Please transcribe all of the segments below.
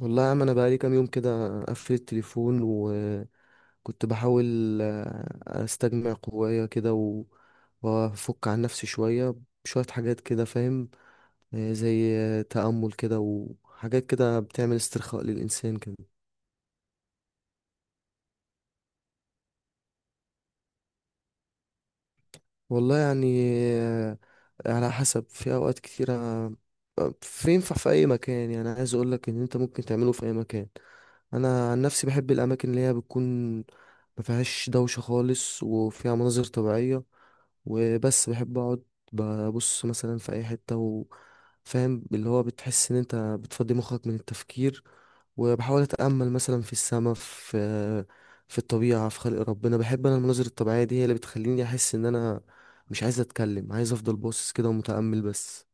والله يا عم، انا بقالي كام يوم كده قفل التليفون وكنت بحاول استجمع قوايا كده وافك عن نفسي شويه بشويه حاجات كده، فاهم؟ زي تامل كده وحاجات كده بتعمل استرخاء للانسان كده. والله يعني آه، على حسب. في اوقات كتيره في ينفع في اي مكان. يعني عايز اقولك ان انت ممكن تعمله في اي مكان. انا عن نفسي بحب الاماكن اللي هي بتكون ما فيهاش دوشه خالص وفيها مناظر طبيعيه، وبس بحب اقعد ببص مثلا في اي حته، وفاهم اللي هو بتحس ان انت بتفضي مخك من التفكير. وبحاول اتامل مثلا في السماء، في الطبيعه، في خلق ربنا. بحب انا المناظر الطبيعيه دي، هي اللي بتخليني احس ان انا مش عايز اتكلم، عايز افضل باصص كده ومتامل بس.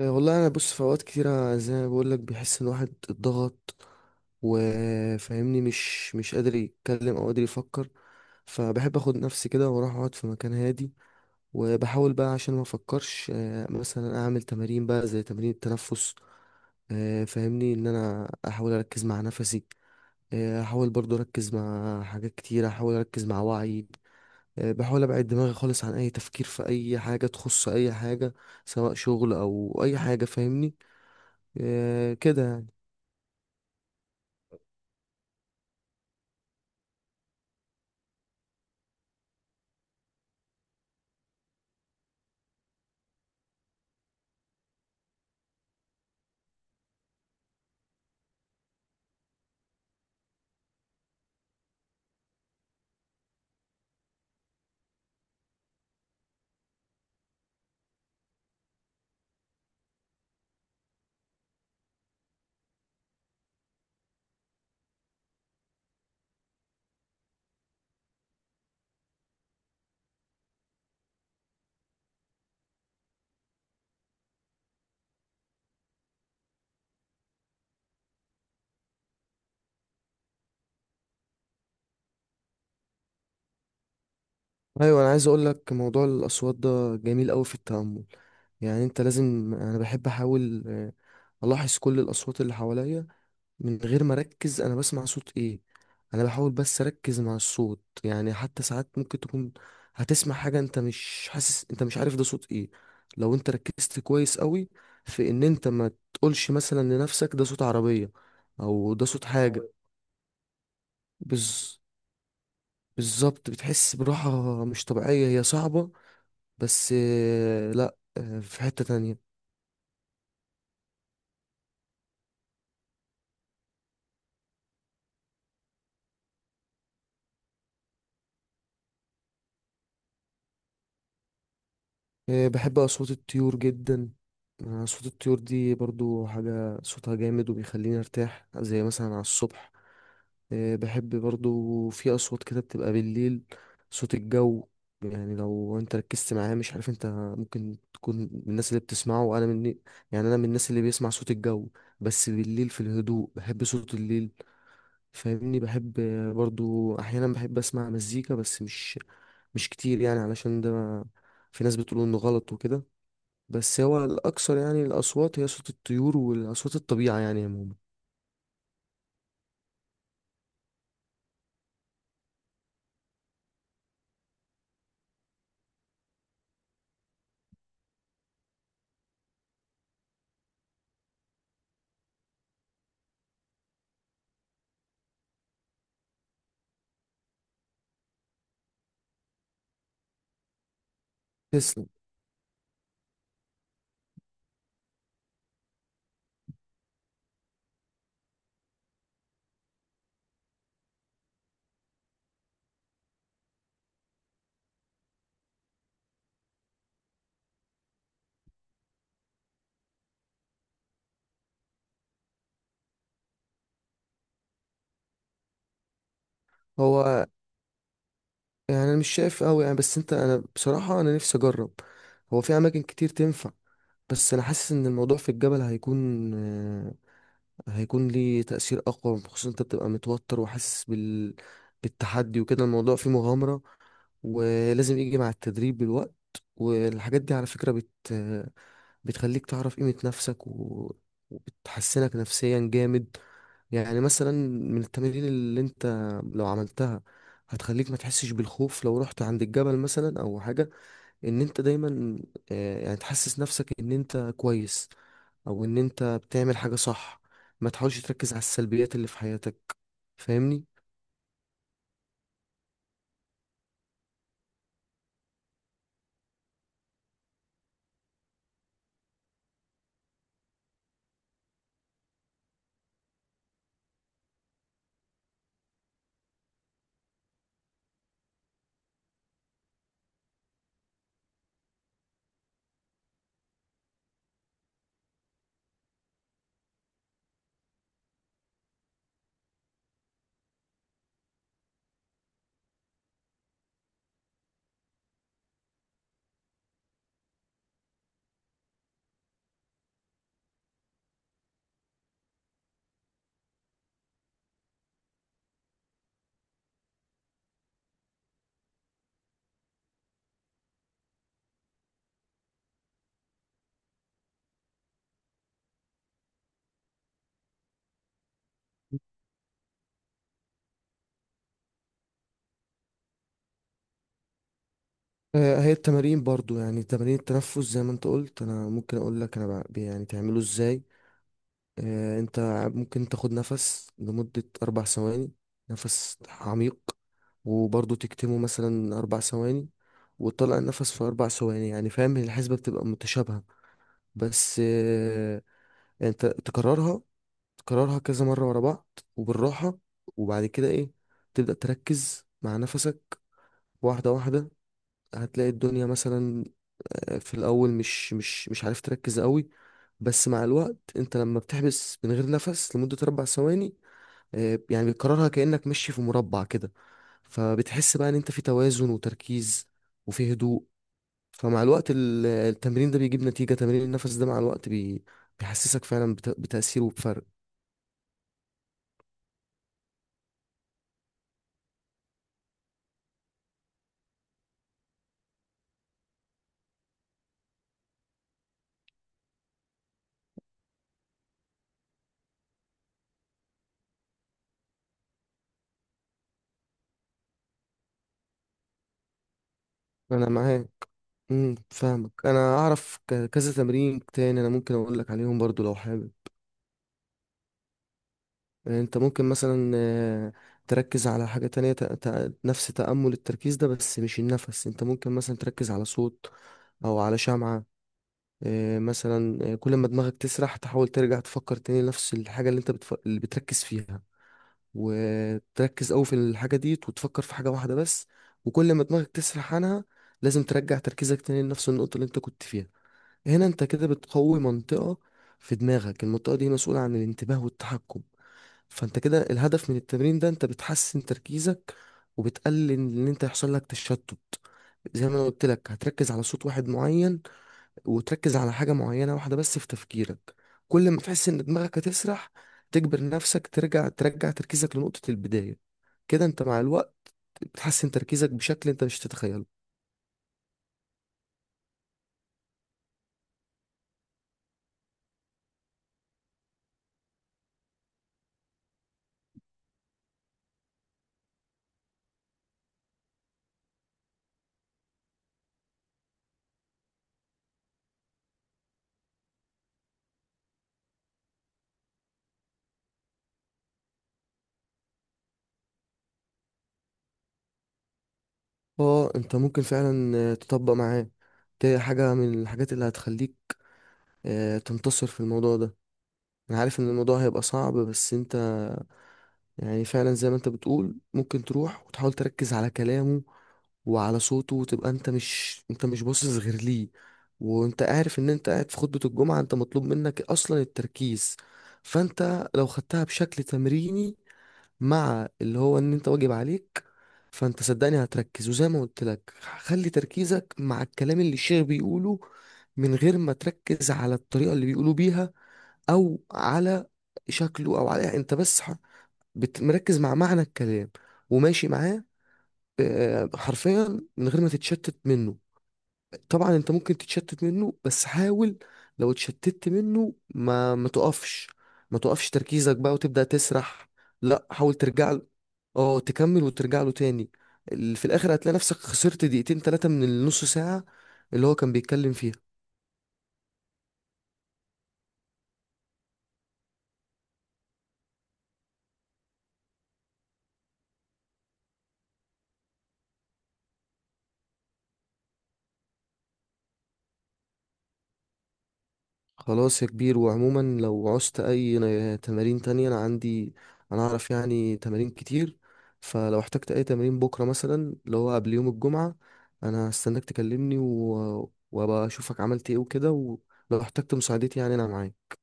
والله انا بص، في اوقات كتيره زي ما بقول لك بيحس ان واحد اتضغط وفاهمني مش قادر يتكلم او قادر يفكر، فبحب اخد نفسي كده واروح اقعد في مكان هادي. وبحاول بقى عشان ما افكرش، مثلا اعمل تمارين بقى زي تمارين التنفس. فاهمني ان انا احاول اركز مع نفسي. احاول برضو اركز مع حاجات كتيره، احاول اركز مع وعي. بحاول ابعد دماغي خالص عن اي تفكير في اي حاجه تخص اي حاجه، سواء شغل او اي حاجه فاهمني. إيه كده يعني. ايوه، انا عايز اقول لك موضوع الاصوات ده جميل قوي في التامل. يعني انت لازم، انا بحب احاول الاحظ كل الاصوات اللي حواليا من غير ما اركز انا بسمع صوت ايه. انا بحاول بس اركز مع الصوت، يعني حتى ساعات ممكن تكون هتسمع حاجه انت مش حاسس، انت مش عارف ده صوت ايه. لو انت ركزت كويس قوي في ان انت ما تقولش مثلا لنفسك ده صوت عربيه او ده صوت حاجه. بز... بالظبط، بتحس براحه مش طبيعيه، هي صعبه. بس لا، في حتة تانية. بحب أصوات الطيور جدا. أصوات الطيور دي برضو حاجة صوتها جامد وبيخليني أرتاح، زي مثلا على الصبح. بحب برضو في أصوات كده بتبقى بالليل، صوت الجو. يعني لو انت ركزت معاه، مش عارف انت ممكن تكون من الناس اللي بتسمعه، وانا من، يعني انا من الناس اللي بيسمع صوت الجو. بس بالليل في الهدوء، بحب صوت الليل فاهمني. بحب برضو احيانا بحب اسمع مزيكا، بس مش كتير يعني، علشان ده في ناس بتقول انه غلط وكده. بس هو الاكثر يعني الاصوات هي صوت الطيور واصوات الطبيعه يعني عموما. تسلم. هو يعني انا مش شايف قوي يعني، بس انت، انا بصراحه انا نفسي اجرب. هو في اماكن كتير تنفع، بس انا حاسس ان الموضوع في الجبل هيكون ليه تأثير أقوى، خصوصا أنت بتبقى متوتر وحاسس بالتحدي وكده. الموضوع فيه مغامرة، ولازم يجي مع التدريب بالوقت. والحاجات دي على فكرة بتخليك تعرف قيمة نفسك وبتحسنك نفسيا جامد. يعني مثلا من التمارين اللي أنت لو عملتها هتخليك ما تحسش بالخوف لو رحت عند الجبل مثلا أو حاجة. ان انت دايما يعني تحسس نفسك ان انت كويس او ان انت بتعمل حاجة صح. ما تحاولش تركز على السلبيات اللي في حياتك، فاهمني. هي التمارين برضو يعني تمارين التنفس زي ما انت قلت. انا ممكن اقول لك، انا يعني تعمله ازاي. انت ممكن تاخد نفس لمدة 4 ثواني، نفس عميق، وبرضو تكتمه مثلا 4 ثواني، وتطلع النفس في 4 ثواني. يعني فاهم الحسبة بتبقى متشابهة. بس انت تكررها، تكررها كذا مرة ورا بعض وبالراحة. وبعد كده ايه، تبدأ تركز مع نفسك واحدة واحدة. هتلاقي الدنيا مثلا، في الأول مش عارف تركز قوي. بس مع الوقت، انت لما بتحبس من غير نفس لمدة 4 ثواني، يعني بتكررها كأنك ماشي في مربع كده، فبتحس بقى ان انت في توازن وتركيز وفي هدوء. فمع الوقت التمرين ده بيجيب نتيجة. تمرين النفس ده مع الوقت بيحسسك فعلا بتأثير وبفرق. أنا معاك. امم، فاهمك. انا اعرف كذا تمرين تاني، انا ممكن اقول لك عليهم برضو لو حابب. يعني انت ممكن مثلا تركز على حاجة تانية. نفس تأمل التركيز ده، بس مش النفس. انت ممكن مثلا تركز على صوت او على شمعة. مثلا، كل ما دماغك تسرح تحاول ترجع تفكر تاني نفس الحاجة اللي انت اللي بتركز فيها. وتركز قوي في الحاجة دي، وتفكر في حاجة واحدة بس. وكل ما دماغك تسرح عنها، لازم ترجع تركيزك تاني لنفس النقطة اللي انت كنت فيها. هنا انت كده بتقوي منطقة في دماغك، المنطقة دي مسؤولة عن الانتباه والتحكم. فانت كده الهدف من التمرين ده انت بتحسن تركيزك، وبتقلل ان انت يحصل لك تشتت. زي ما انا قلت لك، هتركز على صوت واحد معين، وتركز على حاجة معينة واحدة بس في تفكيرك. كل ما تحس ان دماغك هتسرح، تجبر نفسك ترجع تركيزك لنقطة البداية. كده انت مع الوقت بتحسن تركيزك بشكل انت مش تتخيله. اه، انت ممكن فعلا تطبق معاه. دي حاجة من الحاجات اللي هتخليك تنتصر في الموضوع ده. انا عارف ان الموضوع هيبقى صعب، بس انت يعني فعلا زي ما انت بتقول ممكن تروح وتحاول تركز على كلامه وعلى صوته، وتبقى انت مش باصص غير ليه. وانت عارف ان انت قاعد في خطبة الجمعة، انت مطلوب منك اصلا التركيز. فانت لو خدتها بشكل تمريني، مع اللي هو ان انت واجب عليك، فانت صدقني هتركز. وزي ما قلت لك، خلي تركيزك مع الكلام اللي الشيخ بيقوله، من غير ما تركز على الطريقة اللي بيقولوا بيها، او على شكله، او على، يعني انت بس مركز مع معنى الكلام وماشي معاه. حرفيا من غير ما تتشتت منه. طبعا انت ممكن تتشتت منه، بس حاول. لو اتشتتت منه، ما تقفش، ما تقفش تركيزك بقى وتبدأ تسرح. لا، حاول ترجع له. اه، تكمل وترجع له تاني. في الاخر هتلاقي نفسك خسرت دقيقتين ثلاثة من النص ساعة اللي هو كان بيتكلم فيها. خلاص يا كبير، وعموما لو عوزت اي تمارين تانية انا عندي. انا اعرف يعني تمارين كتير. فلو احتجت اي تمارين بكرة مثلا اللي هو قبل يوم الجمعة، انا هستناك تكلمني، وابقى اشوفك عملت ايه وكده. ولو احتجت مساعدتي، يعني انا معاك.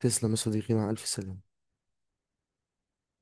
تسلم يا صديقي، مع الف سلامة.